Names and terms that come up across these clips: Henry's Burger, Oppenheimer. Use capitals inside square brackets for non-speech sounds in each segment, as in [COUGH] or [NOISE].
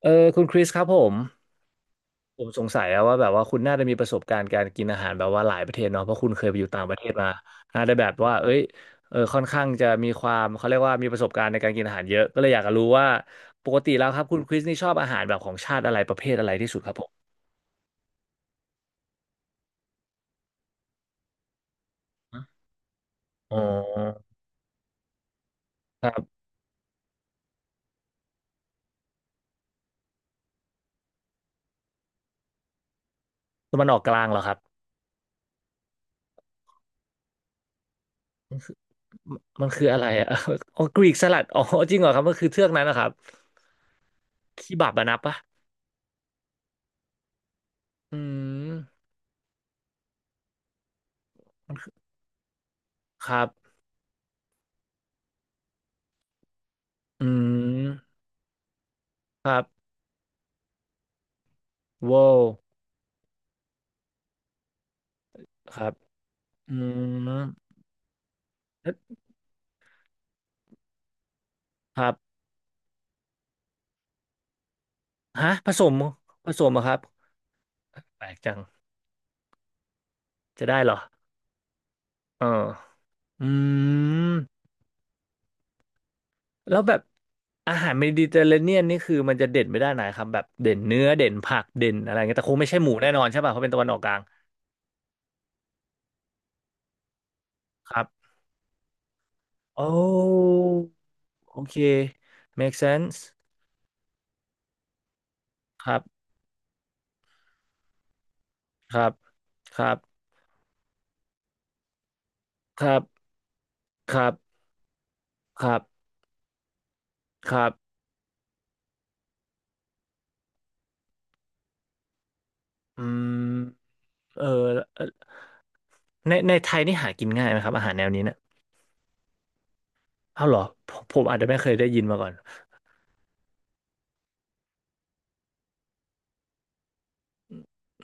เออคุณคริสครับผมสงสัยอะว่าแบบว่าคุณน่าจะมีประสบการณ์การกินอาหารแบบว่าหลายประเทศเนาะเพราะคุณเคยไปอยู่ต่างประเทศมาน่าจะแบบว่าเอ้ยเออค่อนข้างจะมีความเขาเรียกว่ามีประสบการณ์ในการกินอาหารเยอะก็เลยอยากจะรู้ว่าปกติแล้วครับคุณคริสนี่ชอบอาหารแบบของชาติอะไรประเภทอะไรที่สุดครับผมอ๋อครับตะวันออกกลางเหรอครับมันคืออะไรอะ [LAUGHS] อ๋อ [LAUGHS] กรีกสลัดอ๋อจริงเหรอครับมันคือเทือกนั้นนะครับคีบับอะนับปะอืมครับอืมครับว้าวครับ อืมครับฮะผสมเหรอะครับแปลกจังจะได้เหรอเอออืมแล้วแบบอาหารเมดิเตอร์เรเนียนนี่คือมันจะเด่นไปด้านไหนครับแบบเด่นเนื้อเด่นผักเด่นอะไรเงี้ยแต่คงไม่ใช่หมูแน่นอนใช่ป่ะเพราะเป็นตะวันออกกลางครับโอ้โอเค make sense ครับครับครับครับครับครับครับอืมเออเอ่อในไทยนี่หากินง่ายไหมครับอาหารแนวนี้เนะ อ้าวเหรอผมอาจจะไม่เคยได้ยินมาก่อน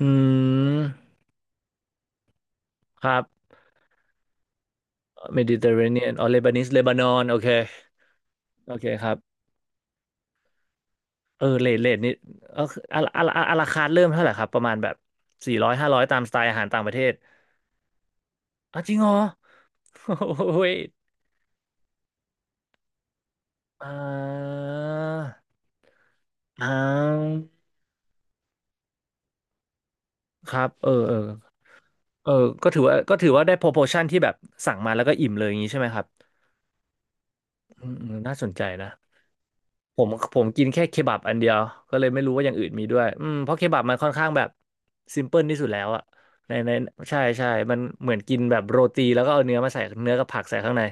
อืมครับเมดิเตอร์เรเนียนอ๋อเลบานิสเลบานอนโอเคโอเคครับเออเลทนี่เออคืออะอะอะอะราคาเริ่มเท่าไหร่ครับประมาณแบบสี่ร้อยห้าร้อยตามสไตล์อาหารต่างประเทศอ่ะจริงเหรอโอ้ย [LAUGHS] อ่าอ่าครับเออเออเออก็ถือว่าได้ proportion ที่แบบสั่งมาแล้วก็อิ่มเลยอย่างนี้ใช่ไหมครับอืมน่าสนใจนะ ผมผมกินแค่เคบับอันเดียวก็เลยไม่รู้ว่าอย่างอื่นมีด้วยอืมเพราะเคบับมันค่อนข้างแบบซิมเพิลที่สุดแล้วอะในในใช่มันเหมือนกินแบบโรตีแล้วก็เอาเนื้อมาใส่เนื้อกับผักใส่ข้างใน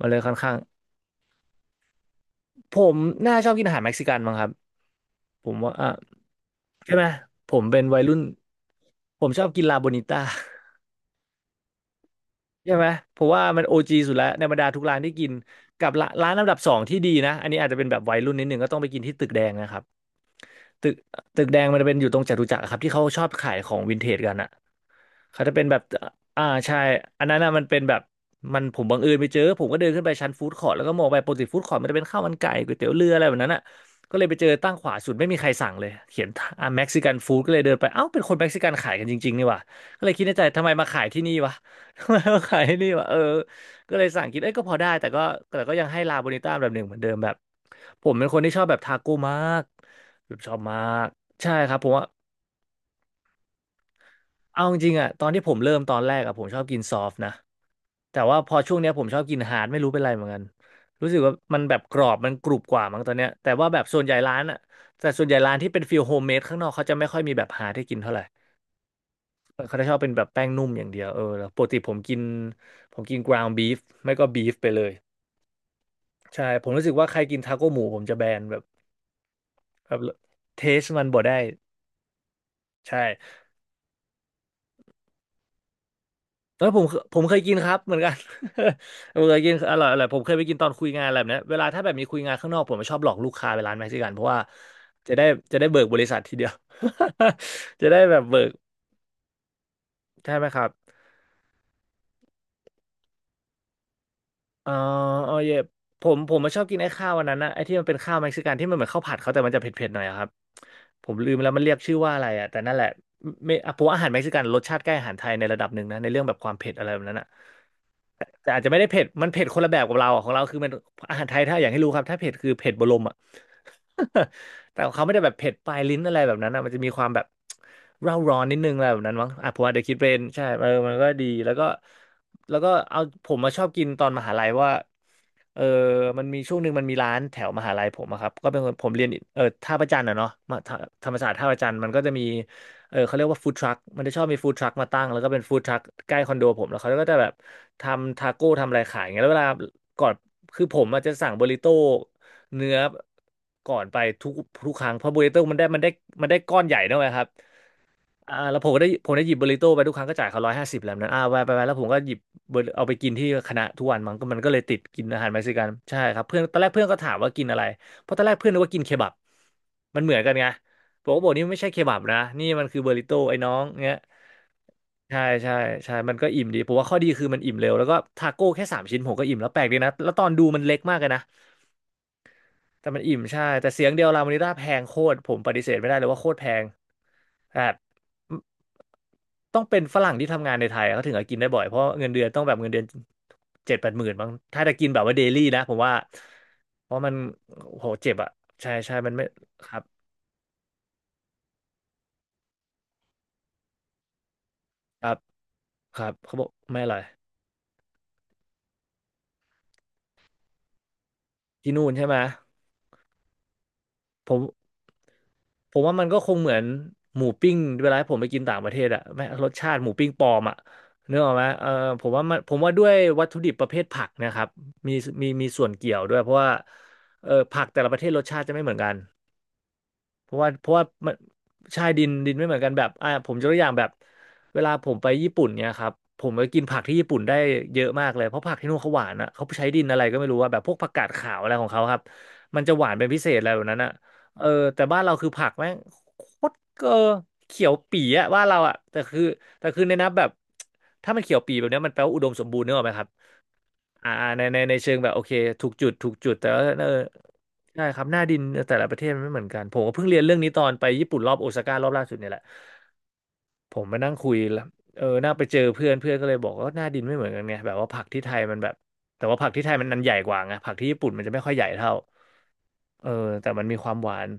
มันเลยค่อนข้างผมน่าชอบกินอาหารเม็กซิกันมั้งครับผมว่าอ่ะใช่ไหมผมเป็นวัยรุ่นผมชอบกินลาโบนิต้า [LAUGHS] ใช่ไหมเพราะว่ามันโอจีสุดแล้วในบรรดาทุกร้านที่กินกับร้านอันดับสองที่ดีนะอันนี้อาจจะเป็นแบบวัยรุ่นนิดนึงก็ต้องไปกินที่ตึกแดงนะครับ ตึกตึกแดงมันจะเป็นอยู่ตรงจตุจักรอะครับที่เขาชอบขายของวินเทจกันอะ เขาจะเป็นแบบอ่าใช่อันนั้นนะมันเป็นแบบมันผมบังเอิญไปเจอ ผมก็เดินขึ้นไปชั้นฟู้ดคอร์ทแล้วก็มองไปปกติฟู้ดคอร์ทมันจะเป็นข้าวมันไก่ก๋วยเตี๋ยวเรืออะไรแบบนั้นอ่ะก็เลยไปเจอตั้งขวาสุดไม่มีใครสั่งเลย เขียนอ่าเม็กซิกันฟู้ดก็เลยเดินไปเอ้าเป็นคนเม็กซิกันขายกันจริงๆนี่หว่าก็เลยคิดในใจทำไมมาขายที่นี่วะ [LAUGHS] ทำไมมาขายที่นี่วะเออก็เลยสั่งกินเอ้ยก็พอได้แต่ก็ยังให้ลาโบนิต้าแบบหนึ่งเหมือนเดิมแบบ ผมเป็นคนที่ชอบแบบทาโก้มากแบบชอบมากใช่ครับผมว่า เอาจริงๆอ่ะตอนที่ผมเริ่มตอนแรกอ่ะผมชอบกินซอฟต์นะแต่ว่าพอช่วงเนี้ยผมชอบกินฮาร์ดไม่รู้เป็นไรเหมือนกันรู้สึกว่ามันแบบกรอบมันกรุบกว่ามั้งตอนเนี้ยแต่ว่าแบบส่วนใหญ่ร้านอ่ะแต่ส่วนใหญ่ร้านที่เป็นฟิลโฮมเมดข้างนอกเขาจะไม่ค่อยมีแบบฮาร์ดให้กินเท่าไหร่เขาจะชอบเป็นแบบแป้งนุ่มอย่างเดียวเออแล้วปกติผมกินกราวน์บีฟไม่ก็บีฟไปเลยใช่ผมรู้สึกว่าใครกินทาโก้หมูผมจะแบนแบบแบบเทสมันบ่ได้ใช่ แล้วผมเคยกินครับเหมือนกัน [LAUGHS] ผมเคยกินอร่อยผมเคยไปกินตอนคุยงานอะไรแบบเนี้ยเวลาถ้าแบบมีคุยงานข้างนอกผมชอบหลอกลูกค้าไปร้านเม็กซิกันเพราะว่าจะได้จะได้เบิกบริษัททีเดียว [LAUGHS] จะได้แบบเบิกใช่ไหมครับ อ๋ออ๋อเย่ผมมาชอบกินไอ้ข้าววันนั้นนะไอ้ที่มันเป็นข้าวเม็กซิกันที่มันเหมือนข้าวผัดเขาแต่มันจะเผ็ดๆหน่อยอะครับผมลืมแล้วมันเรียกชื่อว่าอะไรอ่ะแต่นั่นแหละไม่อ่ะผมว่าอาหารเม็กซิกันรสชาติใกล้อาหารไทยในระดับหนึ่งนะในเรื่องแบบความเผ็ดอะไรแบบนั้นอ่ะแต่อาจจะไม่ได้เผ็ดมันเผ็ดคนละแบบกับเราอะของเราคือมันอาหารไทยถ้าอย่างให้รู้ครับถ้าเผ็ดคือเผ็ดบะลมอะ [LAUGHS] แต่ของเขาไม่ได้แบบเผ็ดปลายลิ้นอะไรแบบนั้นนะมันจะมีความแบบเร่าร้อนนิดนึงอะไรแบบนั้นมั้งอ่ะผมอาจจะคิดเป็นใช่เออมันก็ดีแล้วก็เอาผมมาชอบกินตอนมหาลัยว่าเออมันมีช่วงหนึ่งมันมีร้านแถวมหาลัยผมอะครับก็เป็นคนผมเรียนเออท่าพระจันทร์อะเนาะมาธธรรมศาสตร์ท่าพระจันทร์มันก็จะมีเออเขาเรียกว่าฟู้ดทรัคมันจะชอบมีฟู้ดทรัคมาตั้งแล้วก็เป็นฟู้ดทรัคใกล้คอนโดผมแล้วเขาก็จะแบบทำทาโก้ทำอะไรขายอย่างเงี้ยแล้วเวลาก่อนคือผมอาจจะสั่งบริโต้ เนื้อก่อนไปทุกครั้งเพราะบูริโต้มันได้ก้อนใหญ่ด้วยครับอ่าแล้วผมได้หยิบบูริโต้ไปทุกครั้งก็จ่ายเขา150แล้วนั้นอ่าไปไปไปแล้วผมก็หยิบ burrito เอาไปกินที่คณะทุกวันมันก็เลยติดกินอาหารเม็กซิกันใช่ครับเพื่อนตอนแรกเพื่อนก็ถามว่ากินอะไรเพราะตอนแรกเพื่อนนึกว่ากินเคบับมันเหมือนกันไงผมก็บอกนี่ไม่ใช่เคบับนะนี่มันคือเบอริโต้ไอ้น้องเงี้ยใช่ใช่ใช่มันก็อิ่มดีผมว่าข้อดีคือมันอิ่มเร็วแล้วก็ทาโก้แค่3 ชิ้นผมก็อิ่มแล้วแปลกดีนะแล้วตอนดูมันเล็กมากเลยนะ แต่มันอิ่มใช่แต่เสียงเดียวลามอนิต้าแพงโคตรผมปฏิเสธไม่ได้เลยว่าโคตรแพงแบบต้องเป็นฝรั่งที่ทำงานในไทยเขาถึงจะกินได้บ่อยเพราะเงินเดือนต้องแบบเงินเดือน70,000-80,000บางถ้าจะกินแบบว่าเดลี่นะผมว่าเพราะมันโหเจ็บอ่ะใช่ใช่มันไม่ครับครับครับเขาบอกไม่อร่อยที่นู่นใช่ไหมผม ผมว่ามันก็คงเหมือนหมูปิ้งเวลาผมไปกินต่างประเทศอะแม่งรสชาติหมูปิ้งปลอมอะนึกออกไหมเออผมว่ามันผมว่าด้วยวัตถุดิบประเภทผักนะครับมีมีส่วนเกี่ยวด้วยเพราะว่าเออผักแต่ละประเทศรสชาติจะไม่เหมือนกัน เพราะว่ามันใช่ดินดินไม่เหมือนกันแบบอ่าผมยกตัวอย่างแบบเวลาผมไปญี่ปุ่นเนี่ยครับผมก็กินผักที่ญี่ปุ่นได้เยอะมากเลยเพราะผักที่นู่นเขาหวานอะเขาใช้ดินอะไรก็ไม่รู้ว่าแบบพวกผักกาดขาวอะไรของเขาครับมันจะหวานเป็นพิเศษอะไรแบบนั้นอะเออแต่บ้านเราคือผักแม่งโคตรเกอเขียวปี๋อะบ้านเราอะแต่คือแต่คือในนับแบบถ้ามันเขียวปี๋แบบเนี้ยมันแปลว่าอุดมสมบูรณ์เนกอะไหมครับ อ่าในเชิงแบบโอเคถูกจุดถูกจุดแต่ว่าเออใช่ครับหน้าดินแต่ละประเทศมันไม่เหมือนกันผมก็เพิ่งเรียนเรื่องนี้ตอนไปญี่ปุ่นรอบโอซาก้ารอบล่าสุดเนี่ยแหละผมมานั่งคุยแล้วเออนั่งไปเจอเพื่อนเพื่อนก็เลยบอกว่าหน้าดินไม่เหมือนกันไงแบบว่าผักที่ไทยมันแบบแต่ว่าผักที่ไทยมันนันใหญ่กว่าไงผักที่ญี่ปุ่นมันจะไม่ค่อยใหญ่เท่าเออแต่มันมีความหวาน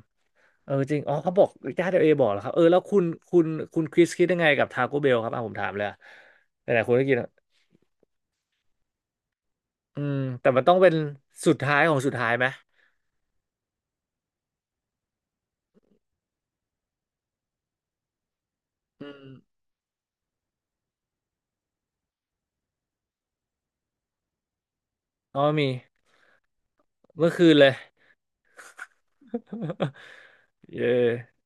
เออจริงอ๋อเขาบอกญาติเอบอกเหรอครับเออแล้วคุณคุณคุณคริสคิดยังไงกับทาโก้เบลครับอ่ะผมถามเลยอะหลายๆคนก็กินอะอืมแต่มันต้องเป็นสุดท้ายของสุดท้ายไหมอืม อ๋อมีเมื่อคืนเลย [LAUGHS] เออ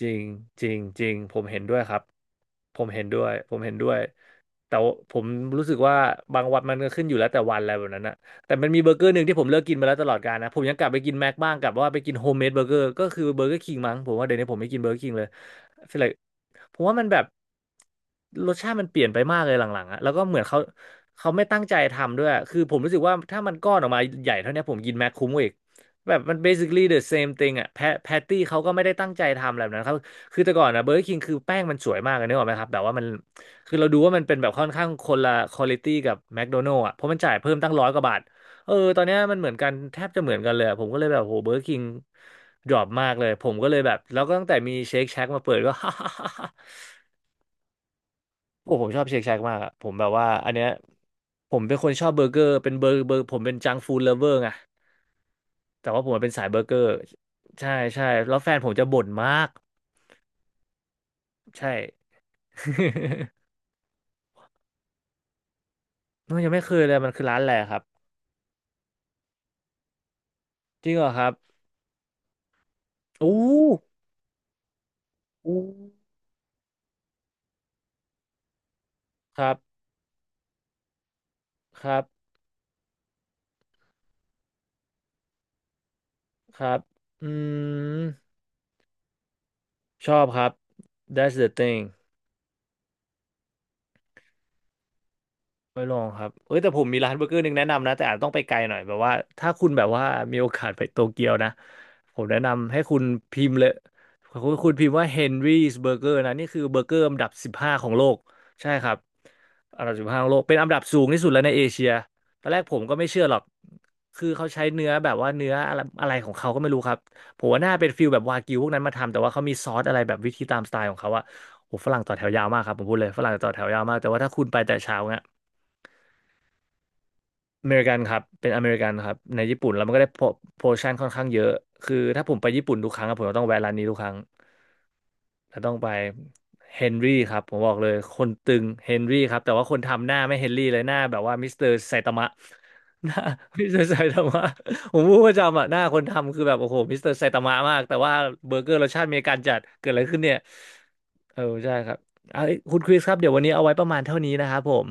จริงจริงจริงผมเห็นด้วยครับผมเห็นด้วยแต่ว่าผมรู้สึกว่าบางวันมันก็ขึ้นอยู่แล้วแต่วันอะไรแบบนั้นนะแต่มันมีเบอร์เกอร์หนึ่งที่ผมเลิกกินมาแล้วตลอดกาลนะผมยังกลับไปกินแม็กบ้างกลับว่าไปกินโฮมเมดเบอร์เกอร์ก็คือเบอร์เกอร์คิงมั้งผมว่าเดี๋ยวนี้ผมไม่กินเบอร์เกอร์คิงเลย feel like ผมว่ามันแบบรสชาติมันเปลี่ยนไปมากเลยหลังๆอะแล้วก็เหมือนเขาเขาไม่ตั้งใจทำด้วยคือผมรู้สึกว่าถ้ามันก้อนออกมาใหญ่เท่าเนี้ยผมกินแม็กคุ้มกว่าอีก แบบมัน basically the same thing อ่ะแพตตี้เขาก็ไม่ได้ตั้งใจทำแบบนั้นครับคือแต่ก่อนนะเบอร์ k i คิงคือแป้งมันสวยมากเลยนึกออกไหมครับแบบว่ามันคือเราดูว่ามันเป็นแบบค่อนข้างคนละควอลิตี้กับแม d โดนัล s ์อ่ะเพราะมันจ่ายเพิ่มตั้งร้อยกว่าบาทเออตอนเนี้ยมันเหมือนกันแทบจะเหมือนกันเลยอะผมก็เลยแบบโหเบอร์ k i คิงดรอปมากเลยผมก็เลยแบบแล้วก็ตั้งแต่มีเชคแช c กมาเปิดก็ [LAUGHS] โอ้ผมชอบเชคแช a กมากอะผมแบบว่าอันเนี้ยผมเป็นคนชอบเบอร์เกอร์เป็นเบอร์ผมเป็นจังฟู้ดเลเวอร์ไง แต่ว่าผมเป็นสายเบอร์เกอร์ใช่ใช่แล้วแฟนผมจะบ่นมากใช่ [LAUGHS] น้องยังไม่เคยเลยมันคือร้านอะไรครับจริงเหรอครับอู้อู้ครับครับครับอืมชอบครับ that's the thing ไม่ลองครับเอ้ยแต่ผมมีร้านเบอร์เกอร์หนึงแนะนำนะแต่อาจต้องไปไกลหน่อยแบบว่าถ้าคุณแบบว่ามีโอกาสไปโตเกียวนะผมแนะนำให้คุณพิมพ์เลยคุณพิมพ์ว่า Henry's Burger นะนี่คือเบอร์เกอร์อันดับสิบห้าของโลกใช่ครับอันดับสิบห้าของโลกเป็นอันดับสูงที่สุดแล้วในเอเชียตอนแรกผมก็ไม่เชื่อหรอกคือเขาใช้เนื้อแบบว่าเนื้ออะไรอะไรของเขาก็ไม่รู้ครับผมว่าน่าเป็นฟิลแบบวากิวพวกนั้นมาทำแต่ว่าเขามีซอสอะไรแบบวิธีตามสไตล์ของเขาอะโอ้ฝรั่งต่อแถวยาวมากครับผมพูดเลยฝรั่งต่อแถวยาวมากแต่ว่าถ้าคุณไปแต่เช้าเนี่ย อเมริกันครับเป็นอเมริกันครับในญี่ปุ่นแล้วมันก็ได้โพชั่นค่อนข้างเยอะคือถ้าผมไปญี่ปุ่นทุกครั้งอะผมจะต้องแวะร้านนี้ทุกครั้งจะต้องไปเฮนรี่ครับผมบอกเลยคนตึงเฮนรี่ครับแต่ว่าคนทำหน้าไม่เฮนรี่เลยหน้าแบบว่ามิสเตอร์ไซตามะหน้า [LAUGHS] มิสเตอร์ไซตามะผมพูดประจำอะหน้าคนทำคือแบบโอ้โหมิสเตอร์ไซตามะมากแต่ว่าเบอร์เกอร์รสชาติอเมริกันจัดเกิดอะไรขึ้นเนี่ยเออใช่ครับเอาคุณคริสครับเดี๋ยววันนี้เอาไว้ประมาณเท่านี้นะครับผม